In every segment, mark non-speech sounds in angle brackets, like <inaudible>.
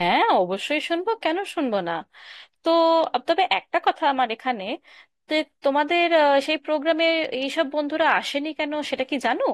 হ্যাঁ, অবশ্যই শুনবো, কেন শুনবো না? তো তবে একটা কথা আমার এখানে, যে তোমাদের সেই প্রোগ্রামে এইসব বন্ধুরা আসেনি কেন সেটা কি জানো?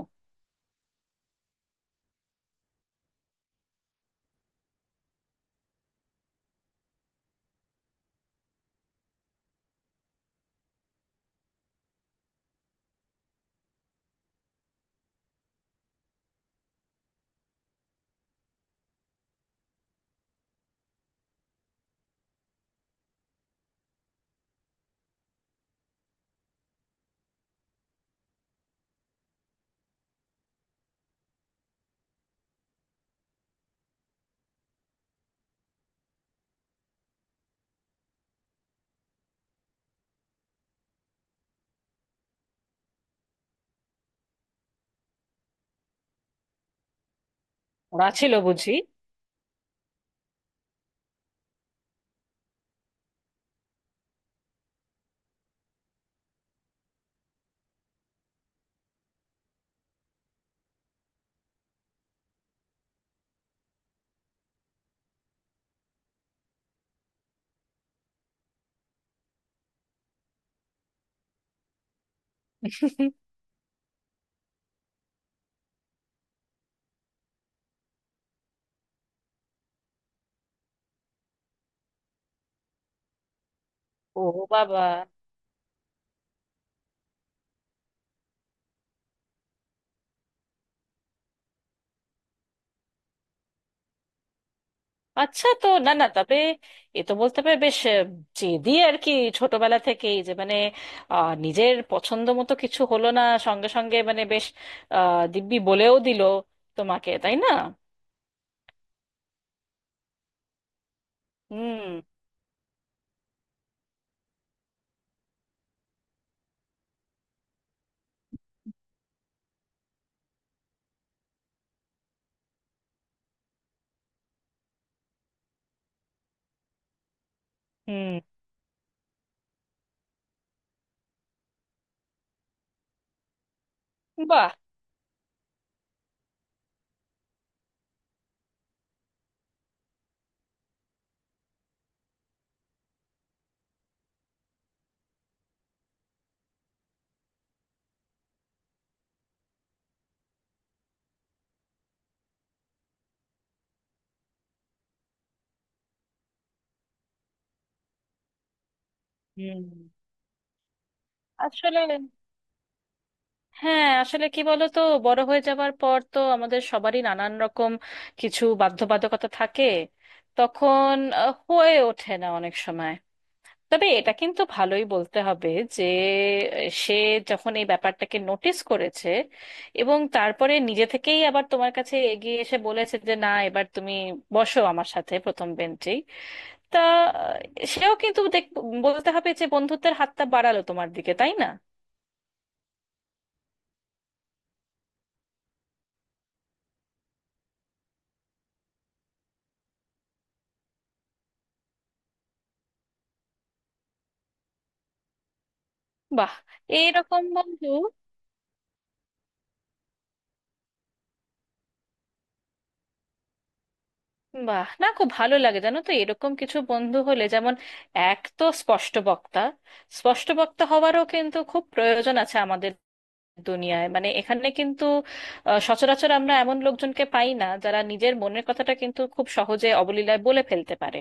ওরা ছিল বুঝি? ও বাবা! আচ্ছা, তো না না তবে এ তো বলতে হবে বেশ জেদি আর কি। ছোটবেলা থেকেই নিজের পছন্দ মতো কিছু হলো না সঙ্গে সঙ্গে মানে বেশ দিব্যি বলেও দিল তোমাকে, তাই না? হুম হুম। বাহ। হুম। আসলে, হ্যাঁ আসলে কি বলতো, বড় হয়ে যাবার পর তো আমাদের সবারই নানান রকম কিছু বাধ্যবাধকতা থাকে, তখন হয়ে ওঠে না অনেক সময়। তবে এটা কিন্তু ভালোই বলতে হবে যে সে যখন এই ব্যাপারটাকে নোটিস করেছে এবং তারপরে নিজে থেকেই আবার তোমার কাছে এগিয়ে এসে বলেছে যে না, এবার তুমি বসো আমার সাথে প্রথম বেঞ্চেই। তা সেও কিন্তু দেখ, বলতে হবে যে বন্ধুত্বের হাতটা বাড়ালো তোমার দিকে, তাই না? বাহ, এইরকম বন্ধু! বাহ, না খুব ভালো লাগে জানো তো এরকম কিছু বন্ধু হলে। যেমন এক তো স্পষ্ট বক্তা, স্পষ্ট বক্তা হওয়ারও কিন্তু খুব প্রয়োজন আছে আমাদের দুনিয়ায়। মানে এখানে কিন্তু সচরাচর আমরা এমন লোকজনকে পাই না যারা নিজের মনের কথাটা কিন্তু খুব সহজে অবলীলায় বলে ফেলতে পারে।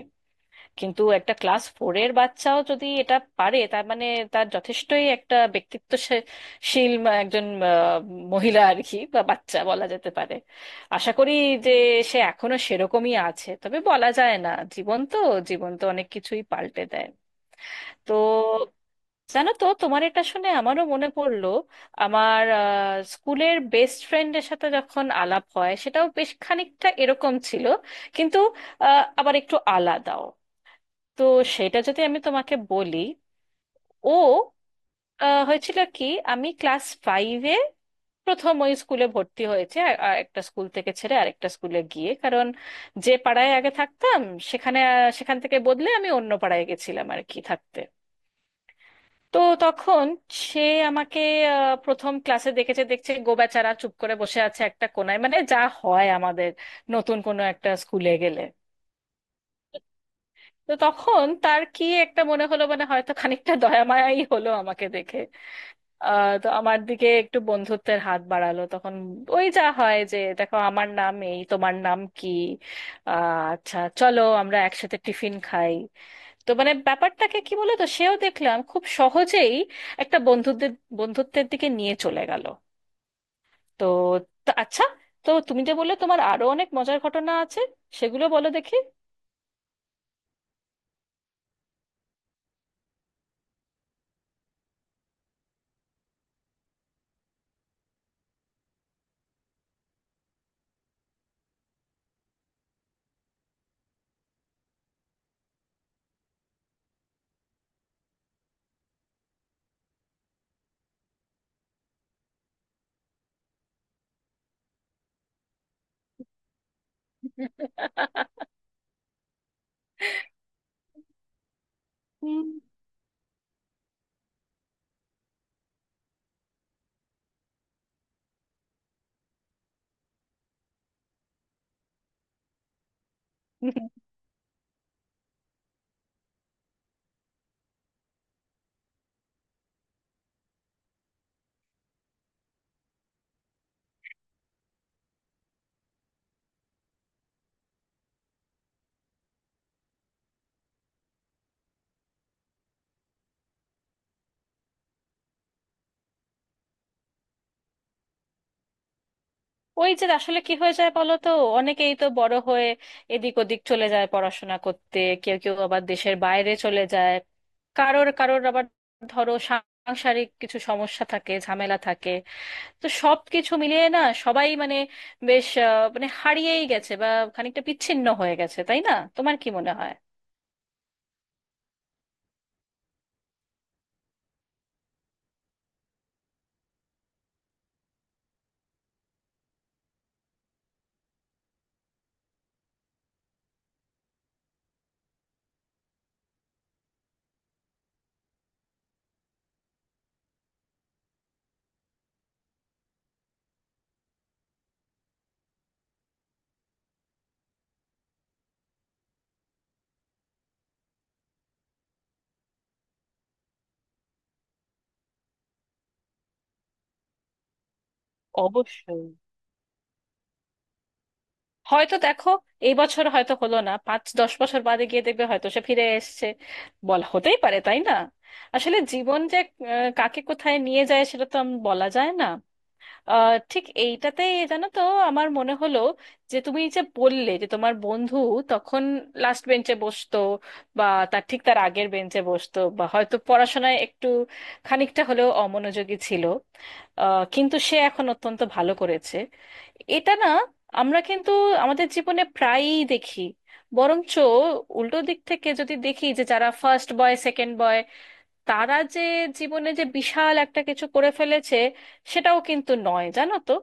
কিন্তু একটা ক্লাস ফোরের বাচ্চাও যদি এটা পারে, তার মানে তার যথেষ্টই একটা ব্যক্তিত্বশীল একজন মহিলা আর কি, বা বাচ্চা বলা যেতে পারে। আশা করি যে সে এখনো সেরকমই আছে, তবে বলা যায় না। জীবন তো, জীবন তো অনেক কিছুই পাল্টে দেয়। তো জানো তো, তোমার এটা শুনে আমারও মনে পড়লো, আমার স্কুলের বেস্ট ফ্রেন্ডের সাথে যখন আলাপ হয় সেটাও বেশ খানিকটা এরকম ছিল, কিন্তু আবার একটু আলাদাও। তো সেটা যদি আমি তোমাকে বলি। ও, হয়েছিল কি, আমি ক্লাস ফাইভে প্রথম ওই স্কুলে ভর্তি হয়েছে আর একটা স্কুল থেকে ছেড়ে আরেকটা স্কুলে গিয়ে, কারণ যে পাড়ায় আগে থাকতাম সেখানে সেখান থেকে বদলে আমি অন্য পাড়ায় গেছিলাম আর কি থাকতে। তো তখন সে আমাকে প্রথম ক্লাসে দেখেছে, দেখছে গোবেচারা চুপ করে বসে আছে একটা কোনায়, মানে যা হয় আমাদের নতুন কোনো একটা স্কুলে গেলে। তো তখন তার কি একটা মনে হলো, মানে হয়তো খানিকটা দয়া মায়াই হলো আমাকে দেখে। আহ, তো আমার দিকে একটু বন্ধুত্বের হাত বাড়ালো তখন। ওই যা হয় যে দেখো আমার নাম এই, তোমার নাম কি? আচ্ছা চলো আমরা একসাথে টিফিন খাই। তো মানে ব্যাপারটাকে কি বলো তো, সেও দেখলাম খুব সহজেই একটা বন্ধুত্বের বন্ধুত্বের দিকে নিয়ে চলে গেল। তো, তো আচ্ছা, তো তুমি যে বললে তোমার আরো অনেক মজার ঘটনা আছে, সেগুলো বলো দেখি। <laughs> হুম। ওই যে আসলে কি হয়ে যায় বলো তো, অনেকেই তো বড় হয়ে এদিক ওদিক চলে যায় পড়াশোনা করতে, কেউ কেউ আবার দেশের বাইরে চলে যায়, কারোর কারোর আবার ধরো সাংসারিক কিছু সমস্যা থাকে, ঝামেলা থাকে। তো সব কিছু মিলিয়ে না সবাই মানে বেশ মানে হারিয়েই গেছে, বা খানিকটা বিচ্ছিন্ন হয়ে গেছে, তাই না? তোমার কি মনে হয়? অবশ্যই। হয়তো দেখো, এই বছর হয়তো হলো না, পাঁচ দশ বছর বাদে গিয়ে দেখবে হয়তো সে ফিরে এসছে। বল, হতেই পারে তাই না? আসলে জীবন যে কাকে কোথায় নিয়ে যায় সেটা তো বলা যায় না। আহ, ঠিক এইটাতে জানো তো আমার মনে হলো যে তুমি যে বললে যে তোমার বন্ধু তখন লাস্ট বেঞ্চে বসতো বা ঠিক তার আগের বেঞ্চে বসতো, বা হয়তো পড়াশোনায় একটু খানিকটা হলেও অমনোযোগী ছিল। আহ, কিন্তু সে এখন অত্যন্ত ভালো করেছে। এটা না, আমরা কিন্তু আমাদের জীবনে প্রায়ই দেখি, বরঞ্চ উল্টো দিক থেকে যদি দেখি যে যারা ফার্স্ট বয় সেকেন্ড বয় তারা যে জীবনে যে বিশাল একটা কিছু করে ফেলেছে সেটাও কিন্তু নয়, জানো তো?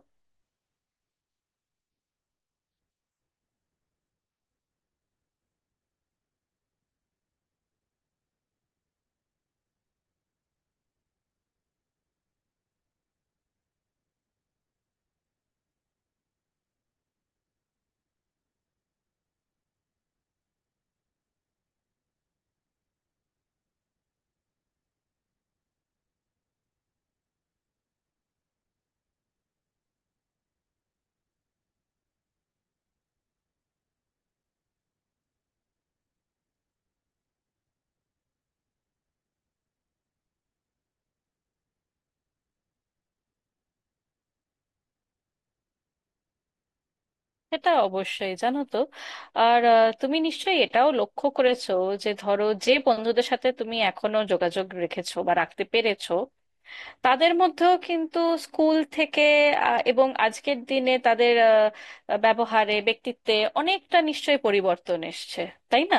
সেটা অবশ্যই জানো তো। আর তুমি নিশ্চয়ই এটাও লক্ষ্য করেছো যে ধরো যে বন্ধুদের সাথে তুমি এখনো যোগাযোগ রেখেছো বা রাখতে পেরেছো, তাদের মধ্যেও কিন্তু স্কুল থেকে এবং আজকের দিনে তাদের ব্যবহারে ব্যক্তিত্বে অনেকটা নিশ্চয়ই পরিবর্তন এসছে, তাই না?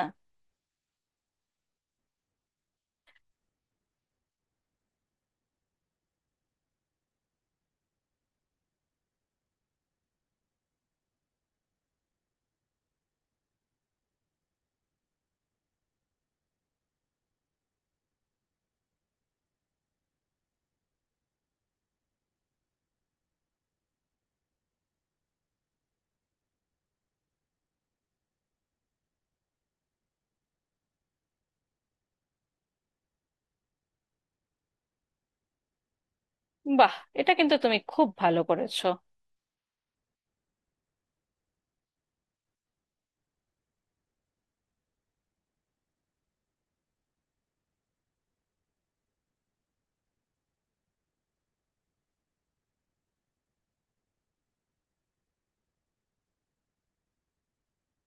বাহ, এটা কিন্তু তুমি খুব ভালো করেছো।